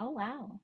Oh, wow.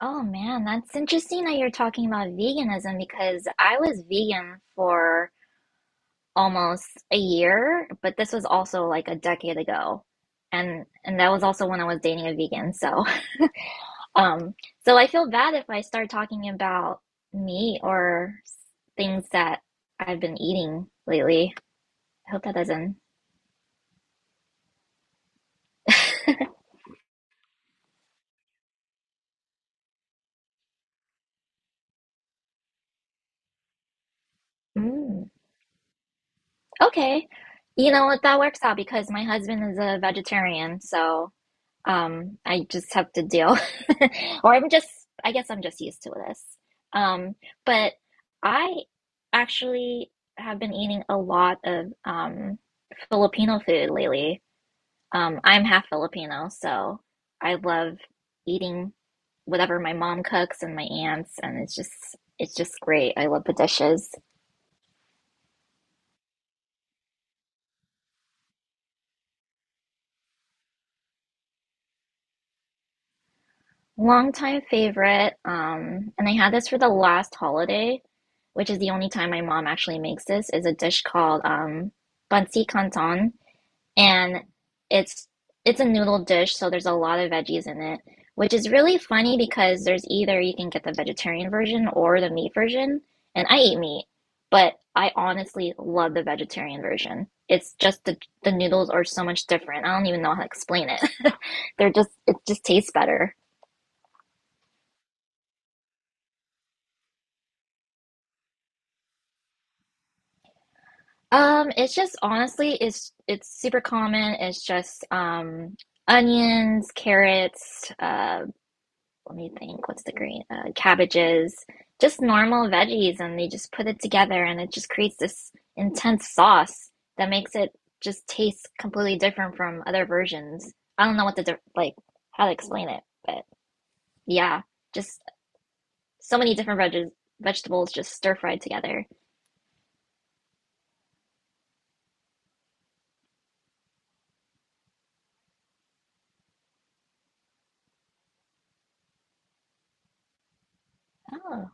Oh, man, that's interesting that you're talking about veganism because I was vegan for almost a year, but this was also like a decade ago. And that was also when I was dating a vegan. So, um, so I feel bad if I start talking about meat or things that I've been eating lately. I hope that doesn't. Mm, okay. You know what? That works out because my husband is a vegetarian, so. I just have to deal, or I'm just, I guess I'm just used to this. Um, but I actually have been eating a lot of Filipino food lately. I'm half Filipino, so I love eating whatever my mom cooks and my aunts, and it's just great. I love the dishes. Longtime favorite. And I had this for the last holiday, which is the only time my mom actually makes this, is a dish called bansi canton. And it's it's a noodle dish, so there's a lot of veggies in it, which is really funny because there's either you can get the vegetarian version or the meat version, and I eat meat, but I honestly love the vegetarian version. It's just the noodles are so much different. I don't even know how to explain it. They're just it just tastes better. It's just honestly, it's super common. It's just onions, carrots, let me think, what's the green? Cabbages, just normal veggies, and they just put it together and it just creates this intense sauce that makes it just taste completely different from other versions. I don't know what the diff like how to explain it, but yeah, just so many different vegetables just stir fried together. Oh.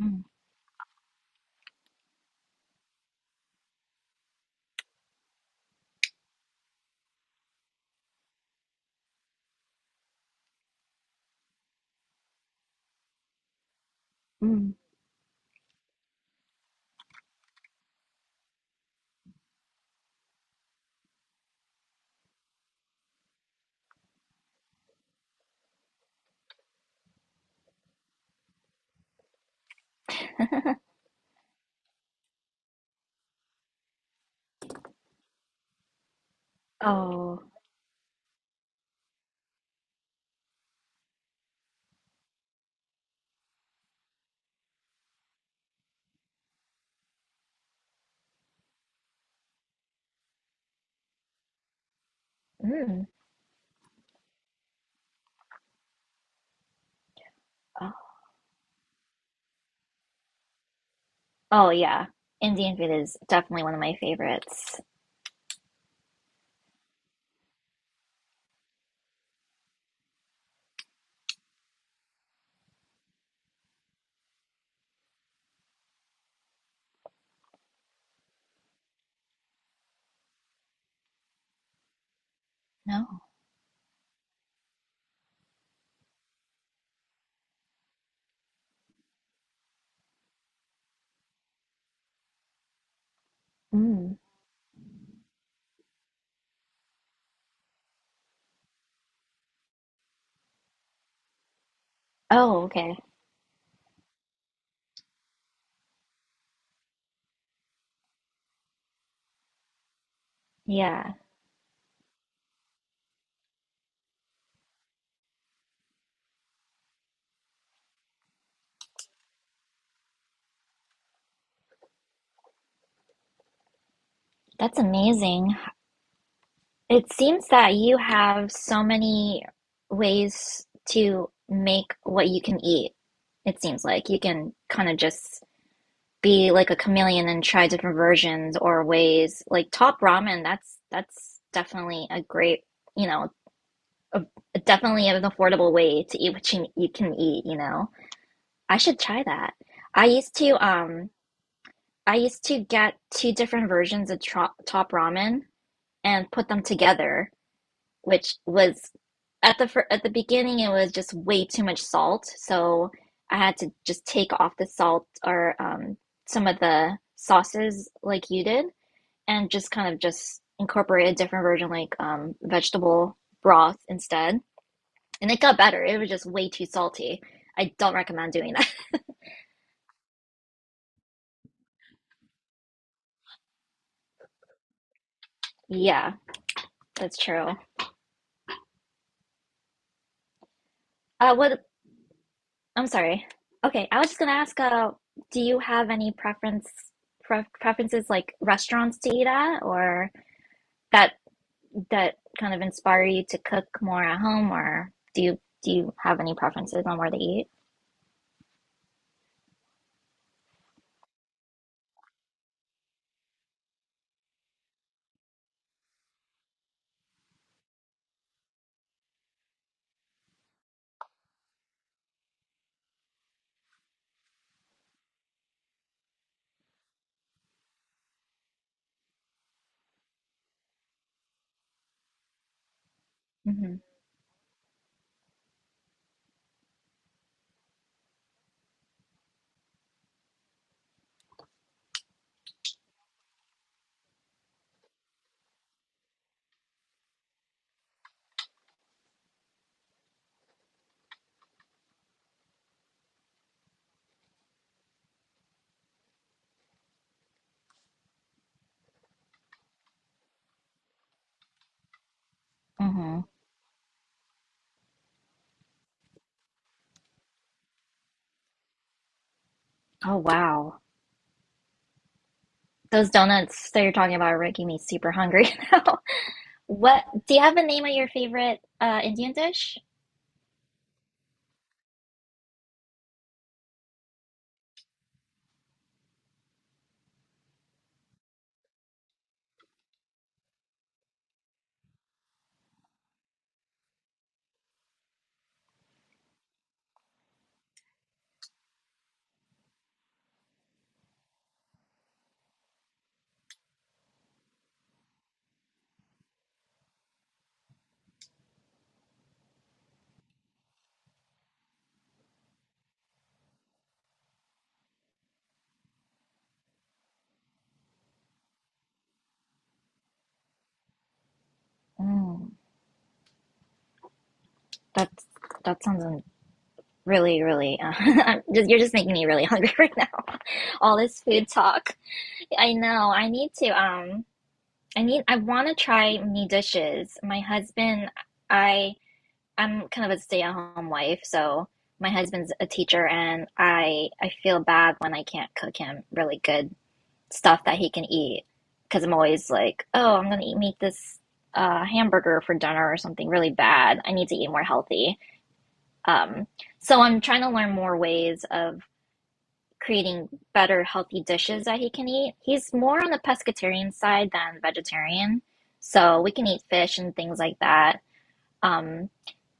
Mm. Mm. Oh. Mm. Oh. Oh yeah, Indian food is definitely one of my favorites. No. Mm. Oh, okay. Yeah. That's amazing. It seems that you have so many ways to make what you can eat. It seems like you can kind of just be like a chameleon and try different versions or ways. Like top ramen, that's definitely a great, you know, a, definitely an affordable way to eat what you can eat, you know. I should try that. I used to um I used to get two different versions of tro Top Ramen and put them together, which was at the beginning it was just way too much salt, so I had to just take off the salt or some of the sauces like you did and just incorporate a different version like vegetable broth instead. And it got better. It was just way too salty. I don't recommend doing that. Yeah, that's true. Uh, what, I'm sorry. Okay, I was just gonna ask, do you have any preferences like restaurants to eat at or that that kind of inspire you to cook more at home or do you have any preferences on where to eat? Mm-hmm. Mm-hmm. Oh wow. Those donuts that you're talking about are making me super hungry now. What do you have a name of your favorite Indian dish? Mm, that's that sounds really, really. You're just making me really hungry right now. All this food talk. I know. I need to. I need. I want to try new dishes. I, I'm kind of a stay-at-home wife, so my husband's a teacher, and I feel bad when I can't cook him really good stuff that he can eat, because I'm always like, oh, I'm gonna eat meat this hamburger for dinner or something really bad. I need to eat more healthy. Um, so I'm trying to learn more ways of creating better healthy dishes that he can eat. He's more on the pescatarian side than vegetarian, so we can eat fish and things like that. Um,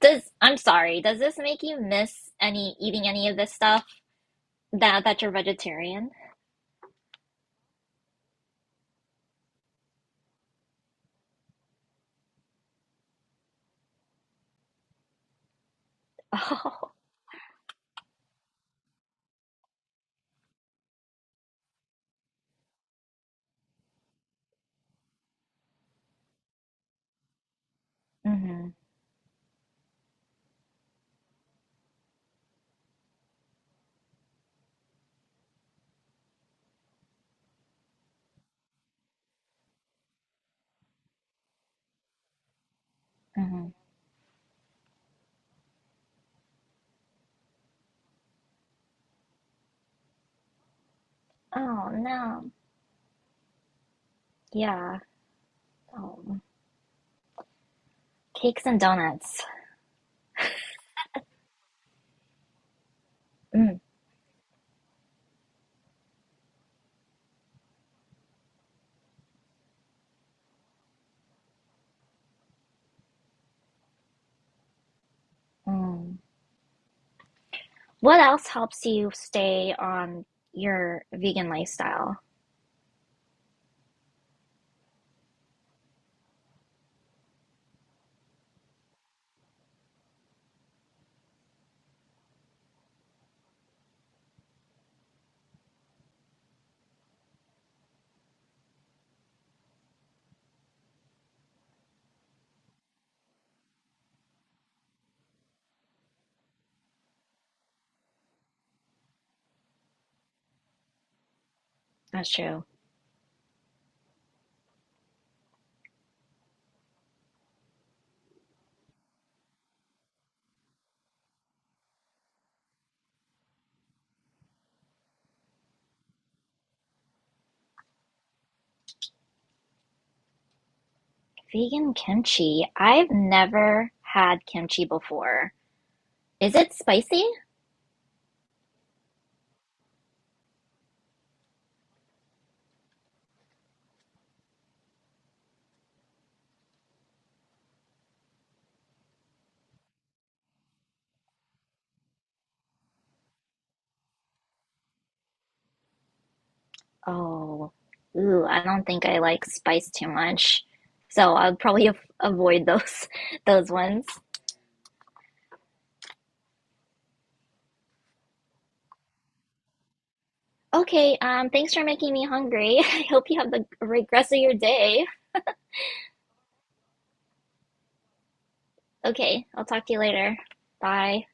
does does this make you miss any eating any of this stuff that you're vegetarian? Oh, mm-hmm, mm-hmm. Oh no, yeah, oh, cakes and donuts. Mm, mm. What else helps you stay on your vegan lifestyle? That's true. Vegan kimchi. I've never had kimchi before. Is it spicy? Oh, ooh, I don't think I like spice too much. So I'll probably av avoid those those ones. Okay, thanks for making me hungry. I hope you have the great rest of your day. Okay, I'll talk to you later. Bye.